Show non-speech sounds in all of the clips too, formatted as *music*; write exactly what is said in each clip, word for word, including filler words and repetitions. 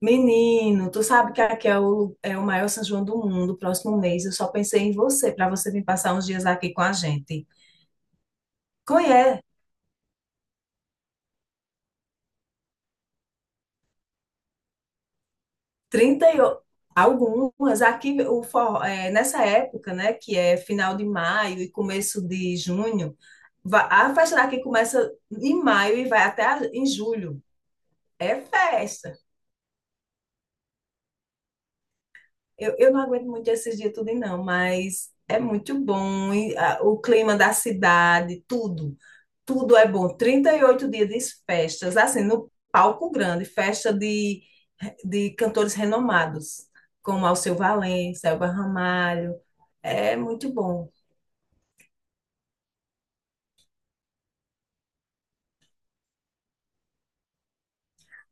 Menino, tu sabe que aqui é o, é o maior São João do mundo, próximo mês. Eu só pensei em você, para você vir passar uns dias aqui com a gente. Conhece, 30 e o- algumas. Aqui, o forró, é, nessa época, né, que é final de maio e começo de junho, va- a festa daqui começa em maio e vai até a- em julho. É festa. Eu, eu não aguento muito esses dias tudo, não, mas é muito bom. E, ah, o clima da cidade, tudo. tudo é bom. Trinta e oito dias de festas, assim, no palco grande, festa de, de cantores renomados, como Alceu Valença, Elba Ramalho. É muito bom.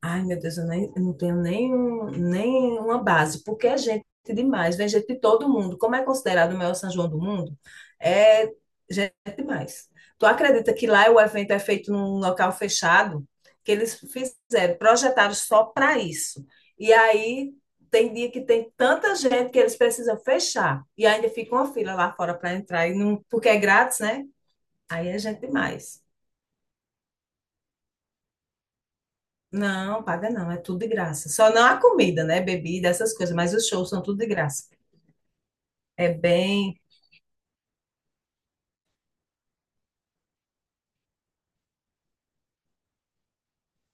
Ai, meu Deus, eu, nem, eu não tenho nenhum, nenhuma base, porque é gente demais, vem gente de todo mundo. Como é considerado o maior São João do mundo, é gente demais. Tu acredita que lá o evento é feito num local fechado? Que eles fizeram, projetaram só para isso. E aí tem dia que tem tanta gente que eles precisam fechar. E ainda fica uma fila lá fora para entrar, e não, porque é grátis, né? Aí é gente demais. Não, paga não, é tudo de graça. Só não a comida, né? Bebida, essas coisas, mas os shows são tudo de graça. É bem.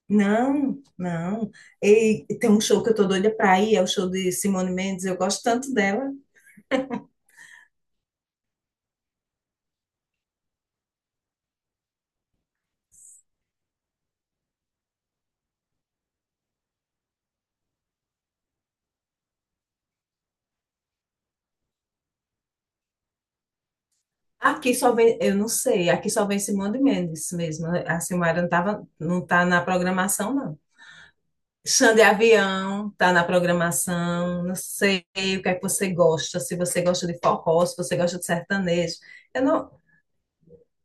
Não, não. E tem um show que eu tô doida pra ir, é o show de Simone Mendes, eu gosto tanto dela. Aqui só vem, eu não sei, aqui só vem Simone Mendes mesmo. A Silmara não tava, não tá na programação, não. Xande Avião tá na programação, não sei o que é que você gosta, se você gosta de forró, se você gosta de sertanejo. Eu não,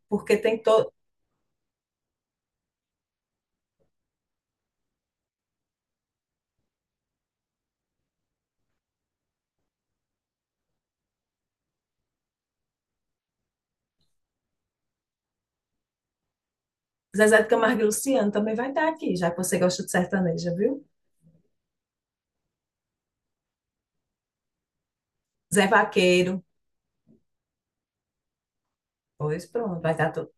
porque tem todo. Zezé de Camargo e Luciano também vai estar aqui, já que você gosta de sertaneja, viu? Zé Vaqueiro. Pois pronto, vai estar todo.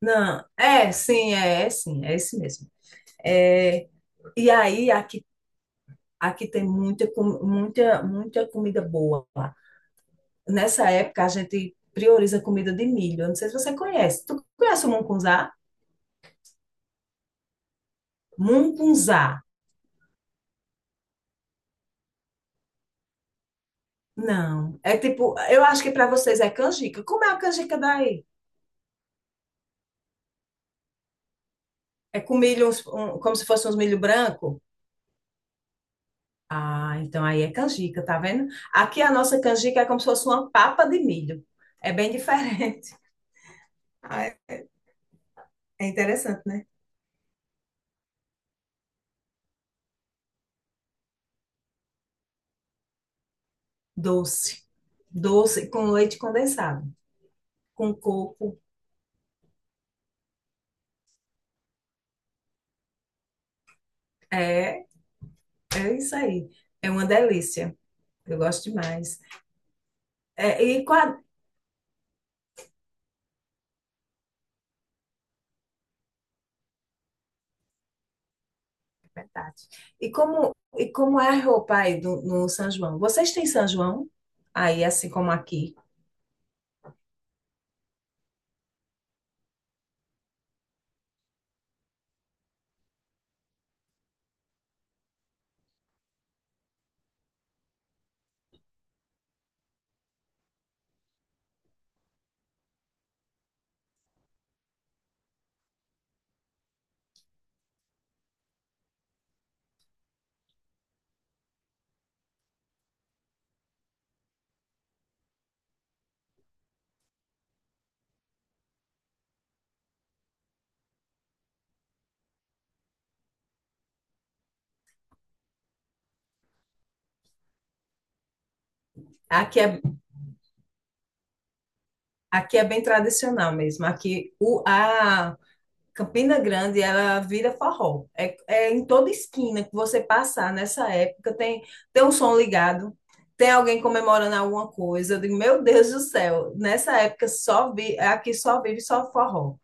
Não, é, sim, é, é sim, é esse mesmo. É, e aí, aqui, aqui tem muita, com- muita, muita comida boa. Lá. Nessa época, a gente prioriza comida de milho. Eu não sei se você conhece. Tu conhece o mungunzá? Mungunzá. Não. É tipo, eu acho que para vocês é canjica. Como é a canjica daí? É com milho, uns- um- como se fosse uns milho branco? Ah, então aí é canjica, tá vendo? Aqui a nossa canjica é como se fosse uma papa de milho. É bem diferente. *laughs* Ah, é é interessante, né? Doce. Doce com leite condensado. Com coco. É, é isso aí. É uma delícia. Eu gosto demais. É, e, qual a- verdade. E como, e como é a roupa aí do, no São João? Vocês têm São João? Aí, assim como aqui. Aqui é, aqui é bem tradicional mesmo. Aqui o, a, Campina Grande, ela vira forró. É, é em toda esquina que você passar nessa época, tem, tem um som ligado, tem alguém comemorando alguma coisa. Eu digo, meu Deus do céu, nessa época só vi, aqui só vive só forró.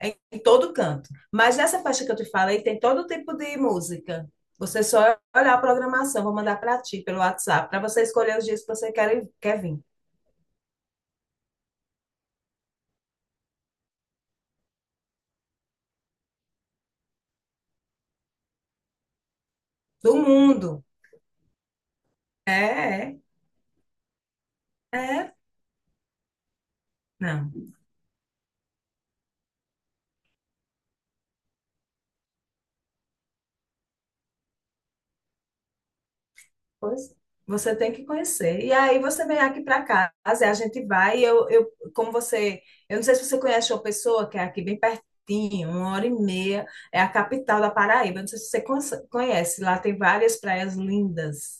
É em todo canto. Mas nessa festa que eu te falei, tem todo tipo de música. Você só olhar a programação, vou mandar para ti pelo WhatsApp, para você escolher os dias que você quer, quer vir. Do mundo. É, é, é. Não. Pois, você tem que conhecer. E aí você vem aqui para casa, e a gente vai. E Eu, eu, como você, eu não sei se você conhece uma pessoa que é aqui bem pertinho, uma hora e meia, é a capital da Paraíba. Não sei se você conhece. Conhece, Lá tem várias praias lindas.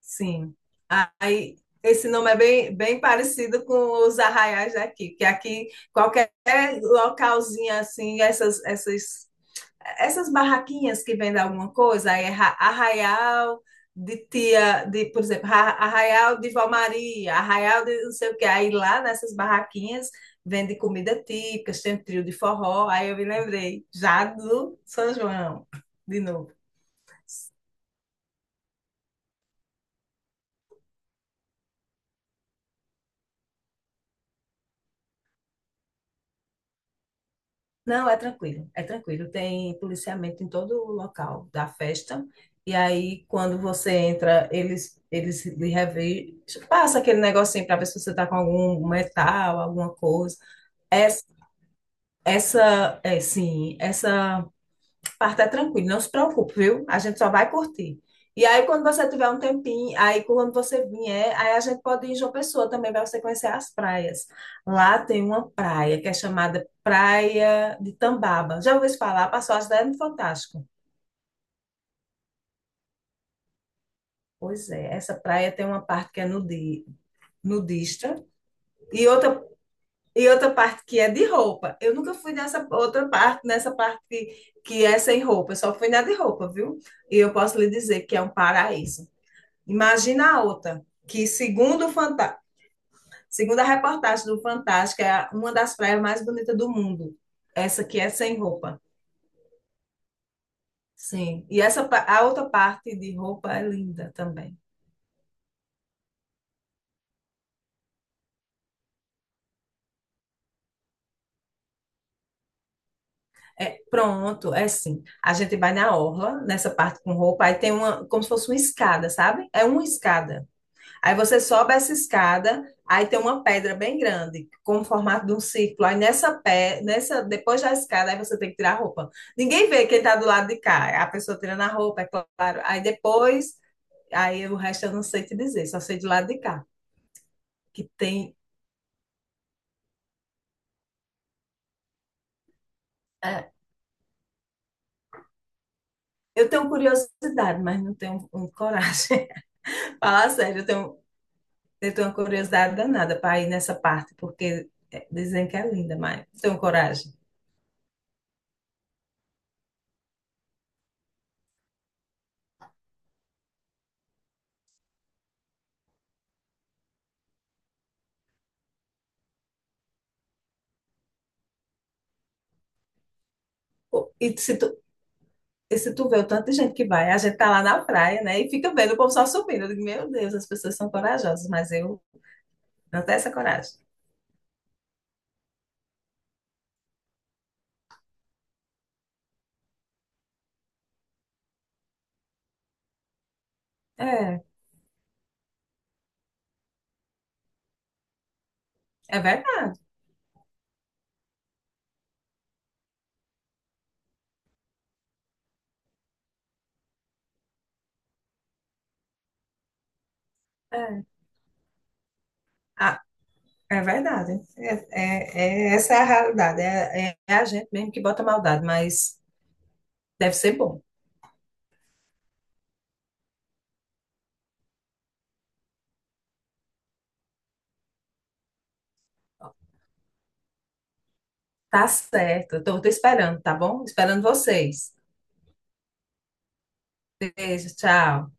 Sim. Aí esse nome é bem, bem parecido com os arraiais daqui, que aqui qualquer localzinho assim, essas, essas essas barraquinhas que vendem alguma coisa, aí é ra- arraial de tia, de, por exemplo, ra- arraial de Vó Maria, arraial de não sei o quê. Aí lá nessas barraquinhas vende comida típica, tem um trio de forró. Aí eu me lembrei, já do São João, de novo. Não, é tranquilo, é tranquilo. Tem policiamento em todo o local da festa. E aí, quando você entra, eles, eles lhe revistam. Passa aquele negocinho para ver se você está com algum metal, alguma coisa. É Essa, é, sim, essa parte é tranquila, não se preocupe, viu? A gente só vai curtir. E aí, quando você tiver um tempinho, aí quando você vier, aí a gente pode ir em João Pessoa também, para você conhecer as praias. Lá tem uma praia que é chamada Praia de Tambaba. Já ouviu falar? Passou as ideias no Fantástico. Pois é, essa praia tem uma parte que é nudi, nudista e outra e outra parte que é de roupa. Eu nunca fui nessa outra parte, nessa parte que, que é sem roupa. Eu só fui na de roupa, viu? E eu posso lhe dizer que é um paraíso. Imagina a outra, que segundo o Fanta... segundo a reportagem do Fantástico, é uma das praias mais bonitas do mundo. Essa que é sem roupa. Sim. E essa pa- a outra parte de roupa é linda também. É, pronto, é sim. A gente vai na orla, nessa parte com roupa, aí tem uma, como se fosse uma escada, sabe? É uma escada. Aí você sobe essa escada, aí tem uma pedra bem grande, com o formato de um círculo. Aí nessa pé, nessa, depois da escada, aí você tem que tirar a roupa. Ninguém vê quem está do lado de cá. A pessoa tirando a roupa, é claro. Aí depois, aí o resto eu não sei te dizer, só sei do lado de cá, que tem. É, eu tenho curiosidade, mas não tenho um, coragem. *laughs* Falar sério, eu tenho, eu tenho uma curiosidade danada para ir nessa parte, porque é, dizem que é linda, mas não tenho coragem. O- E se tu, E se tu vê o tanto de gente que vai, a gente tá lá na praia, né? E fica vendo o povo só subindo. Eu digo, meu Deus, as pessoas são corajosas, mas eu não tenho essa coragem. É, é verdade. É, Ah, é verdade. É, é- é- essa é a realidade. É, é a gente mesmo que bota maldade, mas deve ser bom. Tá certo. Eu tô te esperando, tá bom? Esperando vocês. Beijo, tchau.